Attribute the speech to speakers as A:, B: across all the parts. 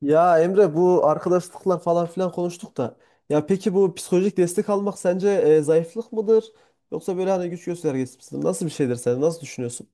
A: Ya Emre, bu arkadaşlıklar falan filan konuştuk da ya peki bu psikolojik destek almak sence zayıflık mıdır yoksa böyle hani güç göstergesi misin? Nasıl bir şeydir, sen nasıl düşünüyorsun?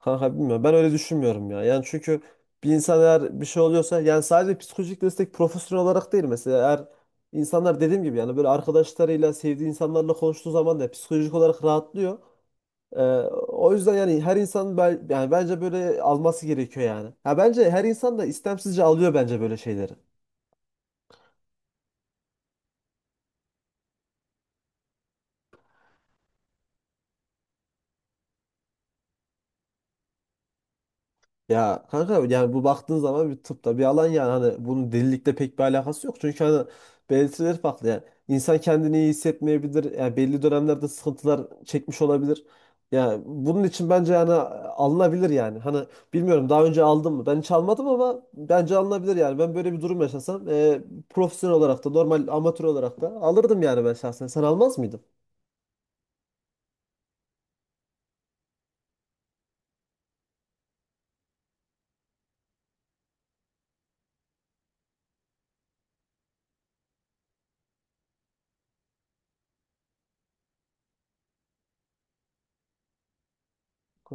A: Kanka bilmiyorum, ben öyle düşünmüyorum ya. Yani çünkü bir insan eğer bir şey oluyorsa yani sadece psikolojik destek profesyonel olarak değil, mesela eğer insanlar dediğim gibi yani böyle arkadaşlarıyla sevdiği insanlarla konuştuğu zaman da psikolojik olarak rahatlıyor. Ee, O yüzden yani her insan yani bence böyle alması gerekiyor yani. Ha bence her insan da istemsizce alıyor bence böyle şeyleri. Ya kanka, yani bu baktığın zaman bir tıpta bir alan yani hani bunun delilikle pek bir alakası yok. Çünkü hani belirtileri farklı yani. İnsan kendini iyi hissetmeyebilir. Yani belli dönemlerde sıkıntılar çekmiş olabilir. Yani bunun için bence yani alınabilir yani. Hani bilmiyorum, daha önce aldım mı? Ben hiç almadım ama bence alınabilir yani. Ben böyle bir durum yaşasam profesyonel olarak da normal amatör olarak da alırdım yani ben şahsen. Sen almaz mıydın?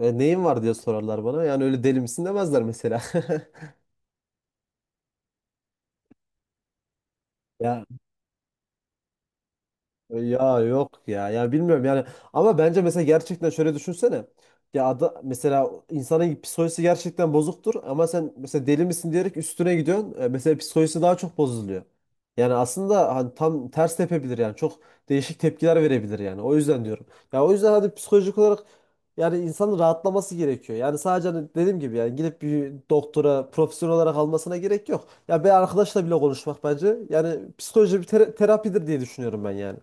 A: E, neyin var diye sorarlar bana. Yani öyle deli misin demezler mesela. Ya Ya yok ya. Ya bilmiyorum yani. Ama bence mesela gerçekten şöyle düşünsene. Ya mesela insanın psikolojisi gerçekten bozuktur ama sen mesela deli misin diyerek üstüne gidiyorsun. E, mesela psikolojisi daha çok bozuluyor. Yani aslında hani tam ters tepebilir yani. Çok değişik tepkiler verebilir yani. O yüzden diyorum. Ya o yüzden hadi psikolojik olarak yani insanın rahatlaması gerekiyor. Yani sadece hani dediğim gibi yani gidip bir doktora profesyonel olarak almasına gerek yok. Ya bir arkadaşla bile konuşmak bence yani psikoloji bir terapidir diye düşünüyorum ben yani.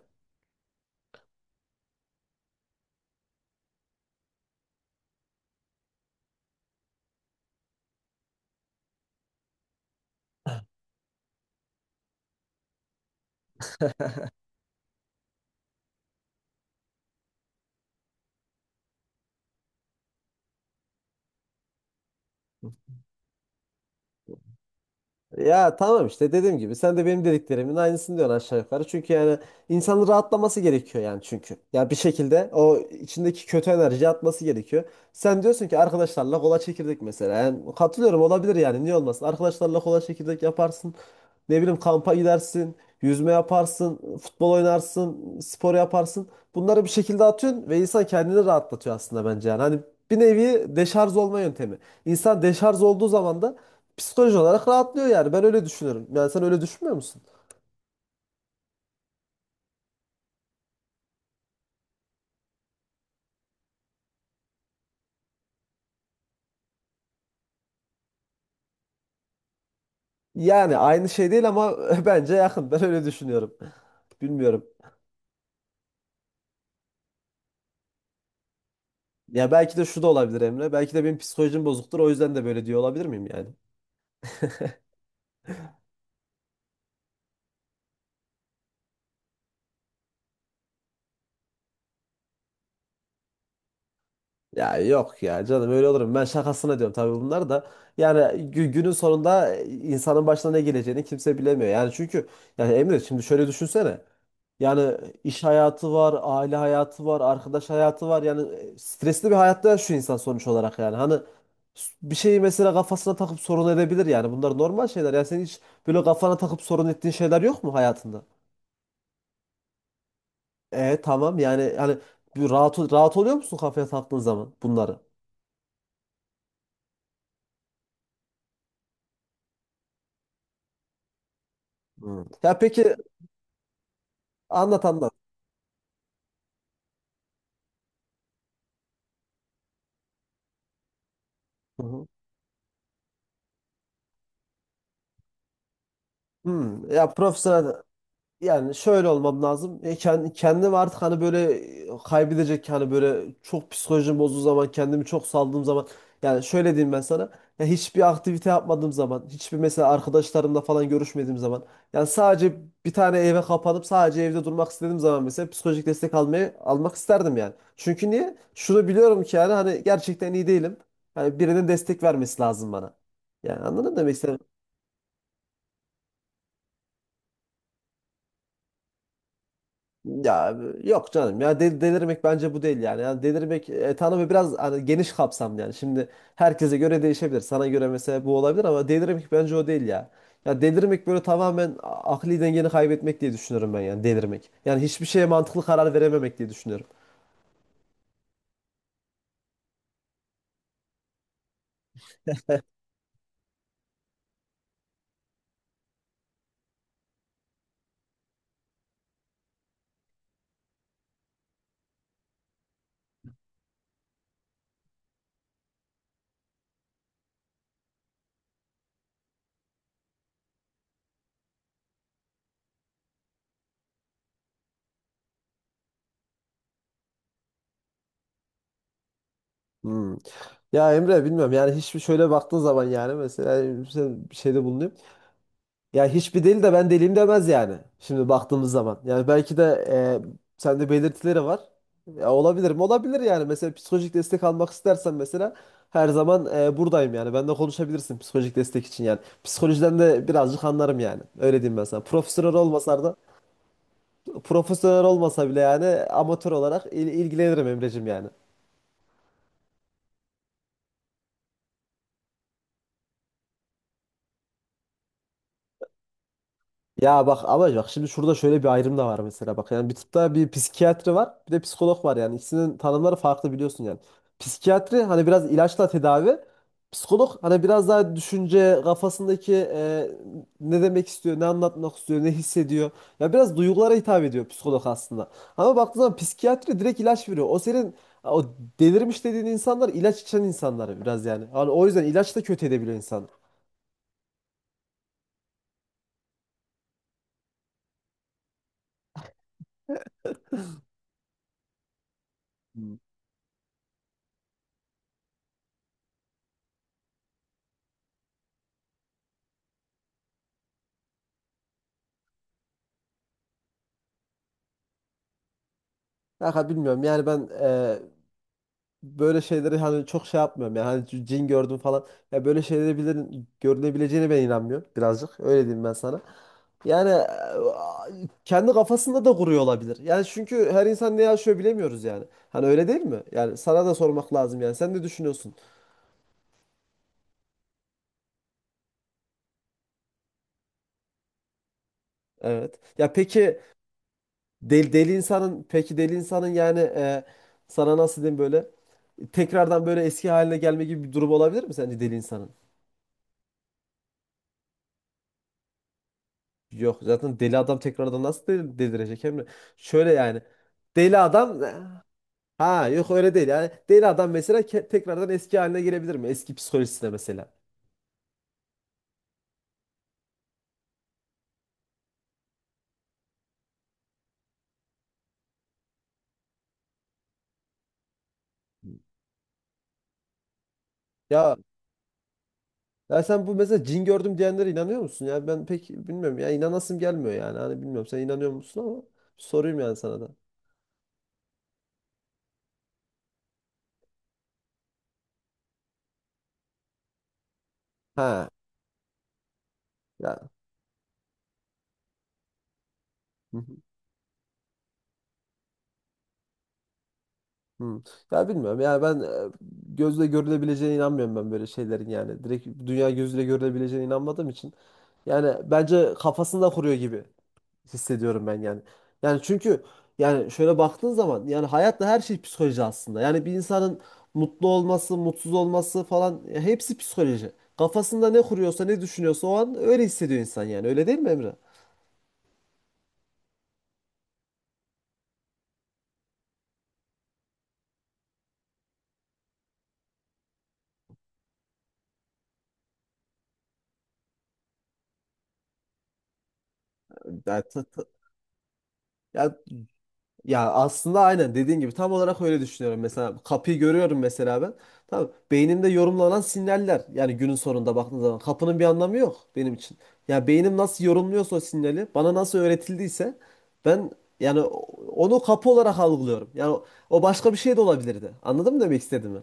A: Ya tamam, işte dediğim gibi sen de benim dediklerimin aynısını diyorsun aşağı yukarı. Çünkü yani insanın rahatlaması gerekiyor yani çünkü. Ya bir şekilde o içindeki kötü enerji atması gerekiyor. Sen diyorsun ki arkadaşlarla kola çekirdek mesela. Yani katılıyorum, olabilir yani, niye olmasın. Arkadaşlarla kola çekirdek yaparsın. Ne bileyim kampa gidersin. Yüzme yaparsın. Futbol oynarsın. Spor yaparsın. Bunları bir şekilde atıyorsun ve insan kendini rahatlatıyor aslında bence yani. Hani bir nevi deşarj olma yöntemi. İnsan deşarj olduğu zaman da psikolojik olarak rahatlıyor yani. Ben öyle düşünüyorum. Yani sen öyle düşünmüyor musun? Yani aynı şey değil ama bence yakın. Ben öyle düşünüyorum. Bilmiyorum. Ya belki de şu da olabilir Emre. Belki de benim psikolojim bozuktur. O yüzden de böyle diyor olabilir miyim yani? Ya yok ya canım, öyle olurum. Ben şakasına diyorum tabii bunlar da. Yani günün sonunda insanın başına ne geleceğini kimse bilemiyor. Yani çünkü yani Emre şimdi şöyle düşünsene. Yani iş hayatı var, aile hayatı var, arkadaş hayatı var. Yani stresli bir hayatta şu insan sonuç olarak yani. Hani bir şeyi mesela kafasına takıp sorun edebilir yani. Bunlar normal şeyler. Yani senin hiç böyle kafana takıp sorun ettiğin şeyler yok mu hayatında? E tamam yani hani bir rahat oluyor musun kafaya taktığın zaman bunları? Hmm. Ya peki. Anlat anlat. Hı hı. Hmm, ya profesyonel yani şöyle olmam lazım. E, kendim artık hani böyle kaybedecek hani böyle çok psikolojim bozduğu zaman, kendimi çok saldığım zaman yani şöyle diyeyim ben sana. Ya hiçbir aktivite yapmadığım zaman, hiçbir mesela arkadaşlarımla falan görüşmediğim zaman yani sadece bir tane eve kapanıp sadece evde durmak istediğim zaman mesela psikolojik destek almak isterdim yani. Çünkü niye? Şunu biliyorum ki yani hani gerçekten iyi değilim. Hani birinin destek vermesi lazım bana. Yani anladın mı demek. Ya yok canım ya delirmek bence bu değil yani. Yani delirmek tanımı biraz hani geniş kapsamlı yani. Şimdi herkese göre değişebilir. Sana göre mesela bu olabilir ama delirmek bence o değil ya. Ya delirmek böyle tamamen akli dengeni kaybetmek diye düşünüyorum ben yani delirmek. Yani hiçbir şeye mantıklı karar verememek diye düşünüyorum. Hmm. Ya Emre bilmiyorum yani hiçbir şöyle baktığın zaman yani mesela sen bir şeyde bulunuyor. Ya hiçbir deli de ben deliyim demez yani. Şimdi baktığımız zaman. Yani belki de sende belirtileri var. Ya olabilir mi? Olabilir yani. Mesela psikolojik destek almak istersen mesela her zaman buradayım yani. Bende konuşabilirsin psikolojik destek için yani. Psikolojiden de birazcık anlarım yani. Öyle diyeyim ben sana. Profesyonel olmasa da profesyonel olmasa bile yani amatör olarak ilgilenirim Emre'cim yani. Ya bak, ama bak şimdi şurada şöyle bir ayrım da var mesela, bak yani bir tıpta bir psikiyatri var, bir de psikolog var yani ikisinin tanımları farklı biliyorsun yani. Psikiyatri hani biraz ilaçla tedavi, psikolog hani biraz daha düşünce kafasındaki ne demek istiyor, ne anlatmak istiyor, ne hissediyor, ya biraz duygulara hitap ediyor psikolog aslında. Ama baktığın zaman psikiyatri direkt ilaç veriyor, o senin o delirmiş dediğin insanlar ilaç içen insanlar biraz yani. Hani o yüzden ilaç da kötü edebiliyor insan. Hmm. Kanka bilmiyorum yani ben böyle şeyleri hani çok şey yapmıyorum yani hani cin gördüm falan, ya böyle şeyleri bilirin, görülebileceğine ben inanmıyorum birazcık, öyle diyeyim ben sana. Yani kendi kafasında da kuruyor olabilir. Yani çünkü her insan ne yaşıyor bilemiyoruz yani. Hani öyle değil mi? Yani sana da sormak lazım yani. Sen ne düşünüyorsun? Evet. Ya peki deli insanın, peki deli insanın yani sana nasıl diyeyim böyle tekrardan böyle eski haline gelme gibi bir durum olabilir mi sence deli insanın? Yok zaten deli adam tekrardan nasıl delirecek Emre? Şöyle yani deli adam, ha yok öyle değil yani deli adam mesela tekrardan eski haline gelebilir mi? Eski psikolojisine mesela. Ya, ya sen bu mesela cin gördüm diyenlere inanıyor musun? Ya ben pek bilmiyorum ya, inanasım gelmiyor yani, hani bilmiyorum sen inanıyor musun ama sorayım yani sana da. Ha ya. Hı hı. Hı. Ya bilmiyorum yani ben gözle görülebileceğine inanmıyorum ben böyle şeylerin yani. Direkt dünya gözle görülebileceğine inanmadığım için. Yani bence kafasında kuruyor gibi hissediyorum ben yani. Yani çünkü yani şöyle baktığın zaman yani hayatta her şey psikoloji aslında. Yani bir insanın mutlu olması, mutsuz olması falan hepsi psikoloji. Kafasında ne kuruyorsa, ne düşünüyorsa o an öyle hissediyor insan yani. Öyle değil mi Emre? Yani, Ya aslında aynen dediğin gibi tam olarak öyle düşünüyorum. Mesela kapıyı görüyorum mesela ben. Tamam, beynimde yorumlanan sinyaller yani günün sonunda baktığın zaman kapının bir anlamı yok benim için. Ya beynim nasıl yorumluyorsa, o sinyali bana nasıl öğretildiyse ben yani onu kapı olarak algılıyorum. Yani o başka bir şey de olabilirdi. Anladın mı demek istediğimi?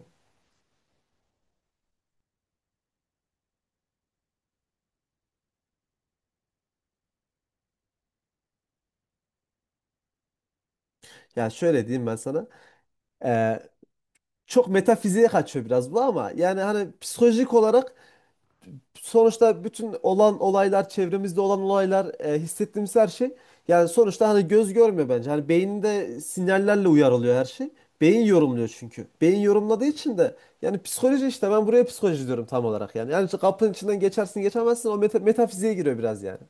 A: Ya şöyle diyeyim ben sana. Ee, çok metafiziğe kaçıyor biraz bu ama yani hani psikolojik olarak sonuçta bütün olan olaylar, çevremizde olan olaylar, hissettiğimiz her şey yani sonuçta hani göz görmüyor bence. Hani beyinde sinyallerle uyarılıyor her şey. Beyin yorumluyor çünkü. Beyin yorumladığı için de yani psikoloji, işte ben buraya psikoloji diyorum tam olarak yani. Yani işte kapının içinden geçersin geçemezsin, o metafiziğe giriyor biraz yani.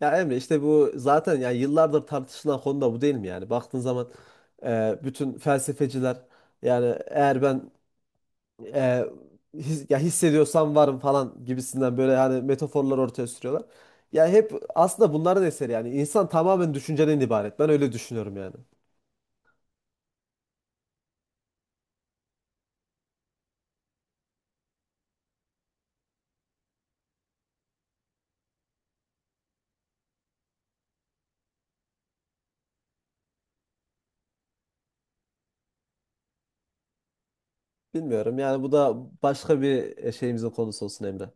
A: Ya Emre işte bu zaten yani yıllardır tartışılan konu da bu değil mi yani? Baktığın zaman bütün felsefeciler yani eğer ben e, ya hissediyorsam varım falan gibisinden böyle hani metaforlar ortaya sürüyorlar. Ya hep aslında bunların eseri yani. İnsan tamamen düşünceden ibaret. Ben öyle düşünüyorum yani. Bilmiyorum yani bu da başka bir şeyimizin konusu olsun Emre.